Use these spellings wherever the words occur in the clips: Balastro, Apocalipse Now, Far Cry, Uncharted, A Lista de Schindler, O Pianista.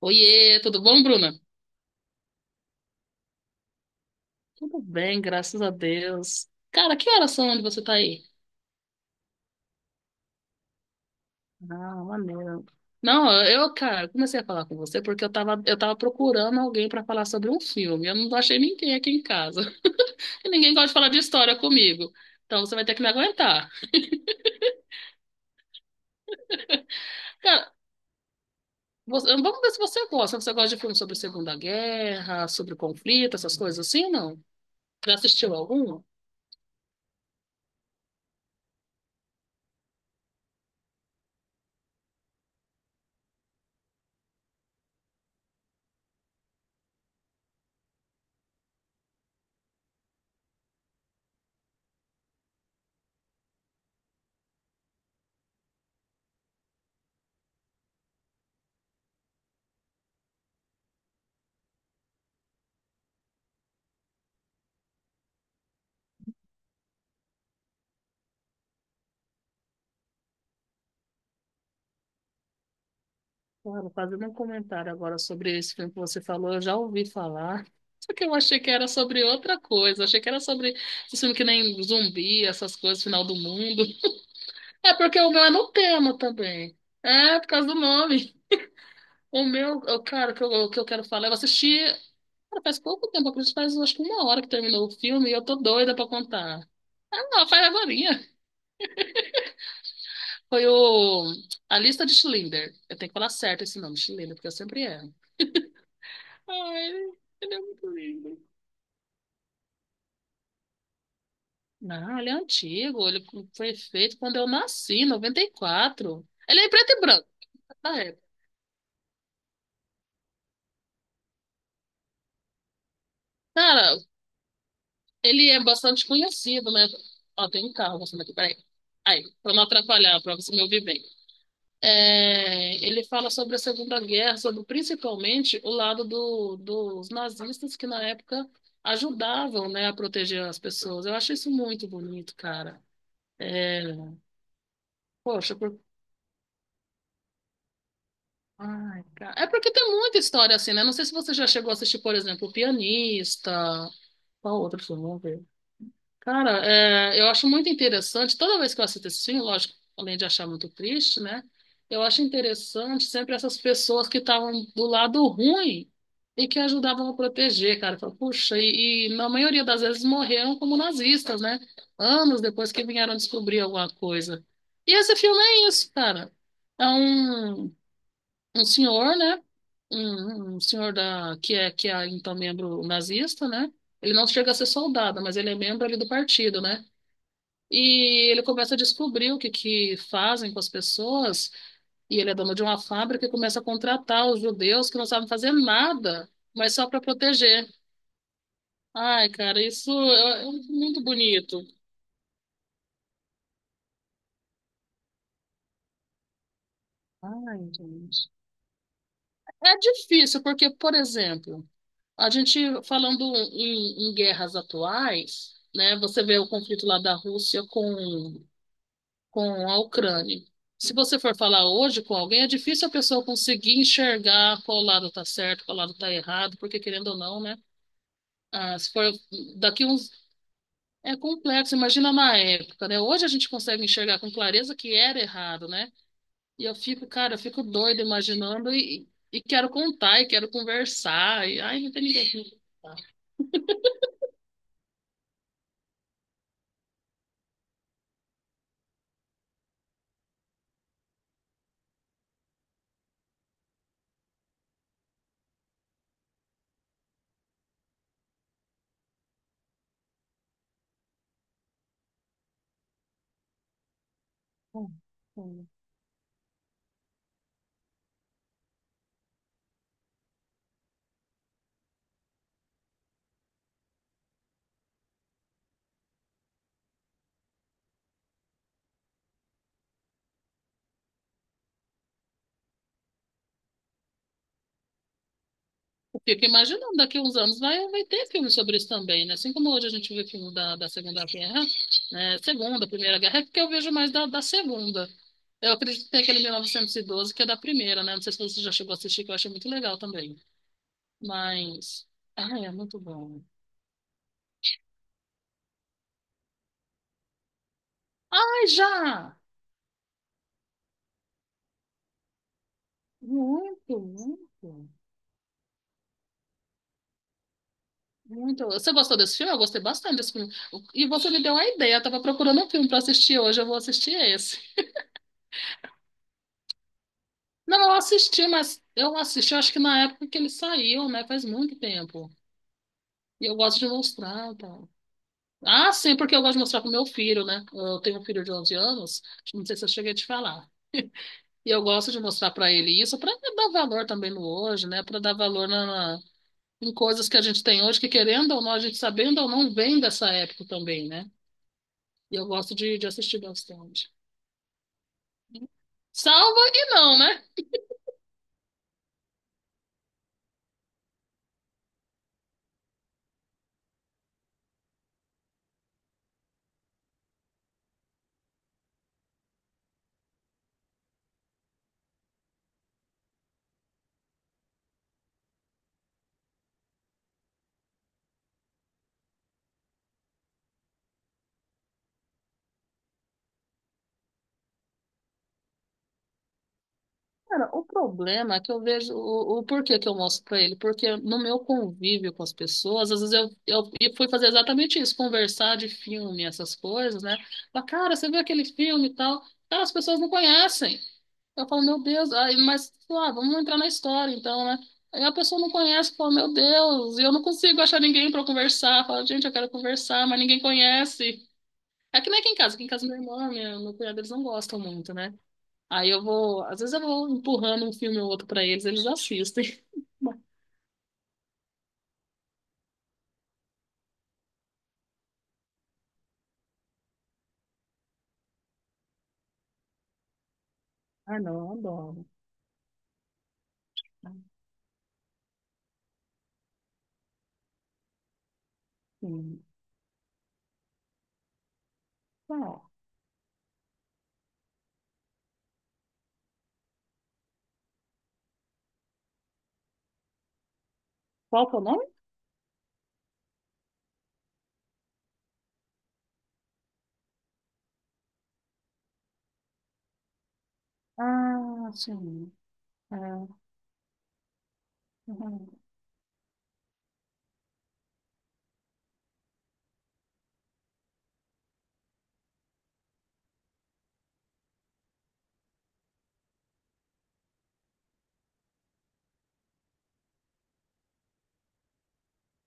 Oiê, tudo bom, Bruna? Tudo bem, graças a Deus. Cara, que horas são onde você tá aí? Ah, maneiro. Não, eu, cara, comecei a falar com você porque eu tava procurando alguém pra falar sobre um filme. Eu não achei ninguém aqui em casa. E ninguém gosta de falar de história comigo. Então você vai ter que me aguentar. Cara, vamos ver se você gosta. Você gosta de filme sobre Segunda Guerra, sobre conflito, essas coisas assim, não? Já assistiu algum? Claro, fazendo um comentário agora sobre esse filme que você falou, eu já ouvi falar. Só que eu achei que era sobre outra coisa. Achei que era sobre esse filme que nem zumbi, essas coisas, final do mundo. É porque o meu é no tema também. É, por causa do nome. O meu, eu, cara, o que eu quero falar, eu assisti. Cara, faz pouco tempo, eu acredito, faz acho que uma hora que terminou o filme e eu tô doida pra contar. Ah, não, faz agorinha. Foi o A Lista de Schindler. Eu tenho que falar certo esse nome, Schindler, porque eu sempre erro. Ai, ele é muito lindo. Não, ele é antigo. Ele foi feito quando eu nasci, em noventa e quatro. Ele é em preto e branco, na época. Cara, ele é bastante conhecido, né? Ó, tem um carro passando aqui, peraí. Aí, pra não atrapalhar, pra você me ouvir bem. É, ele fala sobre a Segunda Guerra, sobre principalmente o lado dos nazistas que na época ajudavam, né, a proteger as pessoas. Eu acho isso muito bonito, cara. É, poxa. Por Ai, cara. É porque tem muita história assim, né? Não sei se você já chegou a assistir, por exemplo, O Pianista. Qual outro filme? Vamos ver. Cara, é, eu acho muito interessante. Toda vez que eu assisto esse filme, lógico, além de achar muito triste, né? Eu acho interessante sempre essas pessoas que estavam do lado ruim e que ajudavam a proteger, cara. Eu falo, Puxa, e na maioria das vezes morreram como nazistas, né? Anos depois que vieram descobrir alguma coisa. E esse filme é isso, cara. É um senhor, né? Um senhor que é então membro nazista, né? Ele não chega a ser soldado, mas ele é membro ali do partido, né? E ele começa a descobrir o que, que fazem com as pessoas, e ele é dono de uma fábrica e começa a contratar os judeus que não sabem fazer nada, mas só para proteger. Ai, cara, isso é muito bonito. Ai, gente. É difícil, porque, por exemplo, a gente falando em guerras atuais, né? Você vê o conflito lá da Rússia com a Ucrânia. Se você for falar hoje com alguém, é difícil a pessoa conseguir enxergar qual lado está certo, qual lado está errado, porque querendo ou não, né? ah, se for daqui uns É complexo, imagina na época, né? Hoje a gente consegue enxergar com clareza que era errado, né? E eu fico, cara, eu fico doida imaginando e quero contar, e quero conversar, e ai, não tem ninguém aqui pra contar. Fico imaginando, daqui a uns anos vai ter filme sobre isso também, né? Assim como hoje a gente vê filme da Segunda Guerra, né? Segunda, Primeira Guerra, é porque eu vejo mais da Segunda. Eu acredito que tem aquele 1912 que é da Primeira, né? Não sei se você já chegou a assistir, que eu achei muito legal também. Mas, ai, é muito bom. Ai, já! Muito, muito, muito. Você gostou desse filme? Eu gostei bastante desse filme. E você me deu uma ideia, eu tava procurando um filme para assistir hoje, eu vou assistir esse. Não, eu assisti, mas eu assisti, acho que na época que ele saiu, né? Faz muito tempo. E eu gosto de mostrar, tá? Ah, sim, porque eu gosto de mostrar pro meu filho, né? Eu tenho um filho de 11 anos, não sei se eu cheguei a te falar. E eu gosto de mostrar para ele isso, para dar valor também no hoje, né? Para dar valor na- em coisas que a gente tem hoje, que querendo ou não, a gente sabendo ou não, vem dessa época também, né? E eu gosto de assistir bastante. Salva e não, né? Cara, o problema é que eu vejo o porquê que eu mostro pra ele, porque no meu convívio com as pessoas, às vezes eu fui fazer exatamente isso, conversar de filme, essas coisas, né? Falar, cara, você viu aquele filme e tal? Cara, as pessoas não conhecem. Eu falo, meu Deus, aí, mas lá, vamos entrar na história então, né? Aí a pessoa não conhece, fala, meu Deus, e eu não consigo achar ninguém pra conversar. Fala, gente, eu quero conversar, mas ninguém conhece. É que nem aqui em casa, aqui em casa minha irmã, minha, meu cunhado, eles não gostam muito, né? Aí eu vou, às vezes eu vou empurrando um filme ou outro pra eles, eles assistem. Ah, não, eu adoro. Ah, sim. Qual? Qual que é o nome? Ah, sim. Ah, ah.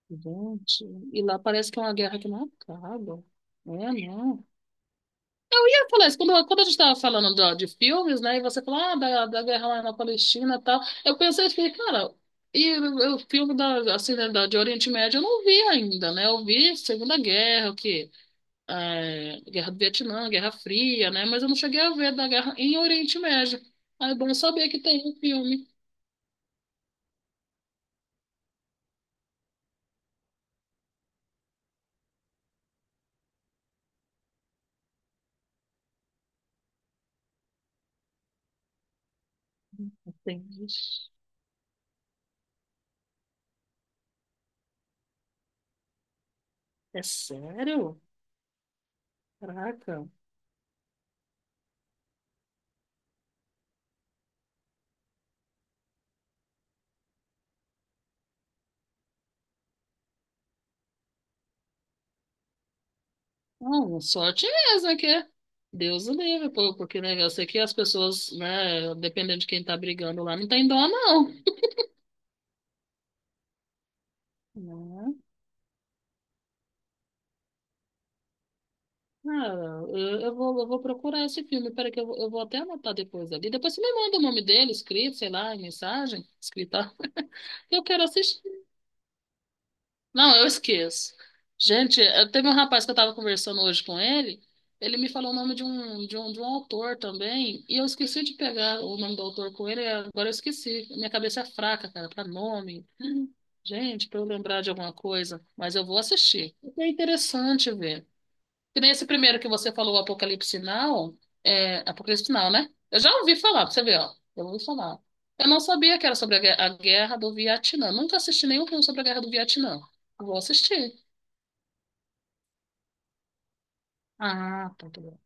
Gente, e lá parece que é uma guerra que não acaba. É, não. Eu falei isso, quando a gente estava falando de filmes, né, e você falou, ah, da guerra lá na Palestina e tal, eu pensei, eu fiquei, cara, e o filme da, assim, né, da, de Oriente Médio eu não vi ainda, né, eu vi Segunda Guerra, o quê? É, Guerra do Vietnã, Guerra Fria, né? Mas eu não cheguei a ver da guerra em Oriente Médio. Ah, é bom saber que tem um filme. Entendi. É sério? Caraca. Não, sorte mesmo que é. Deus o livre, pô, porque né, eu sei que as pessoas, né, dependendo de quem tá brigando lá, não tem dó, não. Né? Cara, eu vou procurar esse filme. Peraí, que eu vou até anotar depois ali. Depois você me manda o nome dele, escrito, sei lá, em mensagem, escrita. Eu quero assistir. Não, eu esqueço. Gente, teve um rapaz que eu estava conversando hoje com ele, ele me falou o nome de um autor também, e eu esqueci de pegar o nome do autor com ele, e agora eu esqueci. Minha cabeça é fraca, cara, para nome. Gente, para eu lembrar de alguma coisa, mas eu vou assistir. É interessante ver. Que nem esse primeiro que você falou, o Apocalipse Now, Apocalipse Now, né? Eu já ouvi falar, pra você ver, ó. Eu ouvi falar. Eu não sabia que era sobre a guerra do Vietnã. Nunca assisti nenhum filme sobre a guerra do Vietnã. Vou assistir. Ah, tá tudo bem.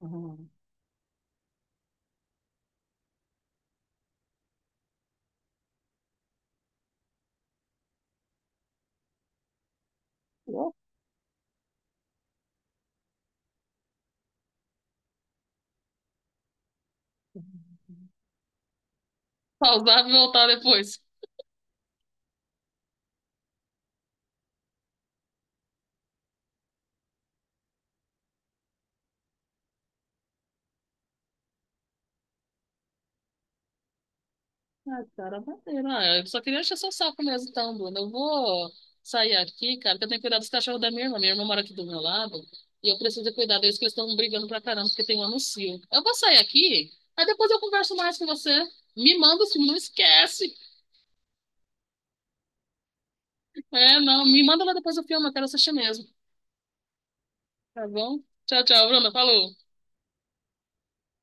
Uhum. Pausar e voltar depois. Ah, cara, maneiro. Ah, eu só queria encher seu saco mesmo, então, Bruna. Eu vou sair aqui, cara, que eu tenho que cuidar dos cachorros da minha irmã. Minha irmã mora aqui do meu lado e eu preciso de cuidar deles, que eles estão brigando pra caramba, porque tem um anuncio. Eu vou sair aqui, aí depois eu converso mais com você. Me manda o filme, não esquece. É, não, me manda lá depois o filme, eu quero assistir mesmo. Tá bom? Tchau, tchau, Bruna. Falou.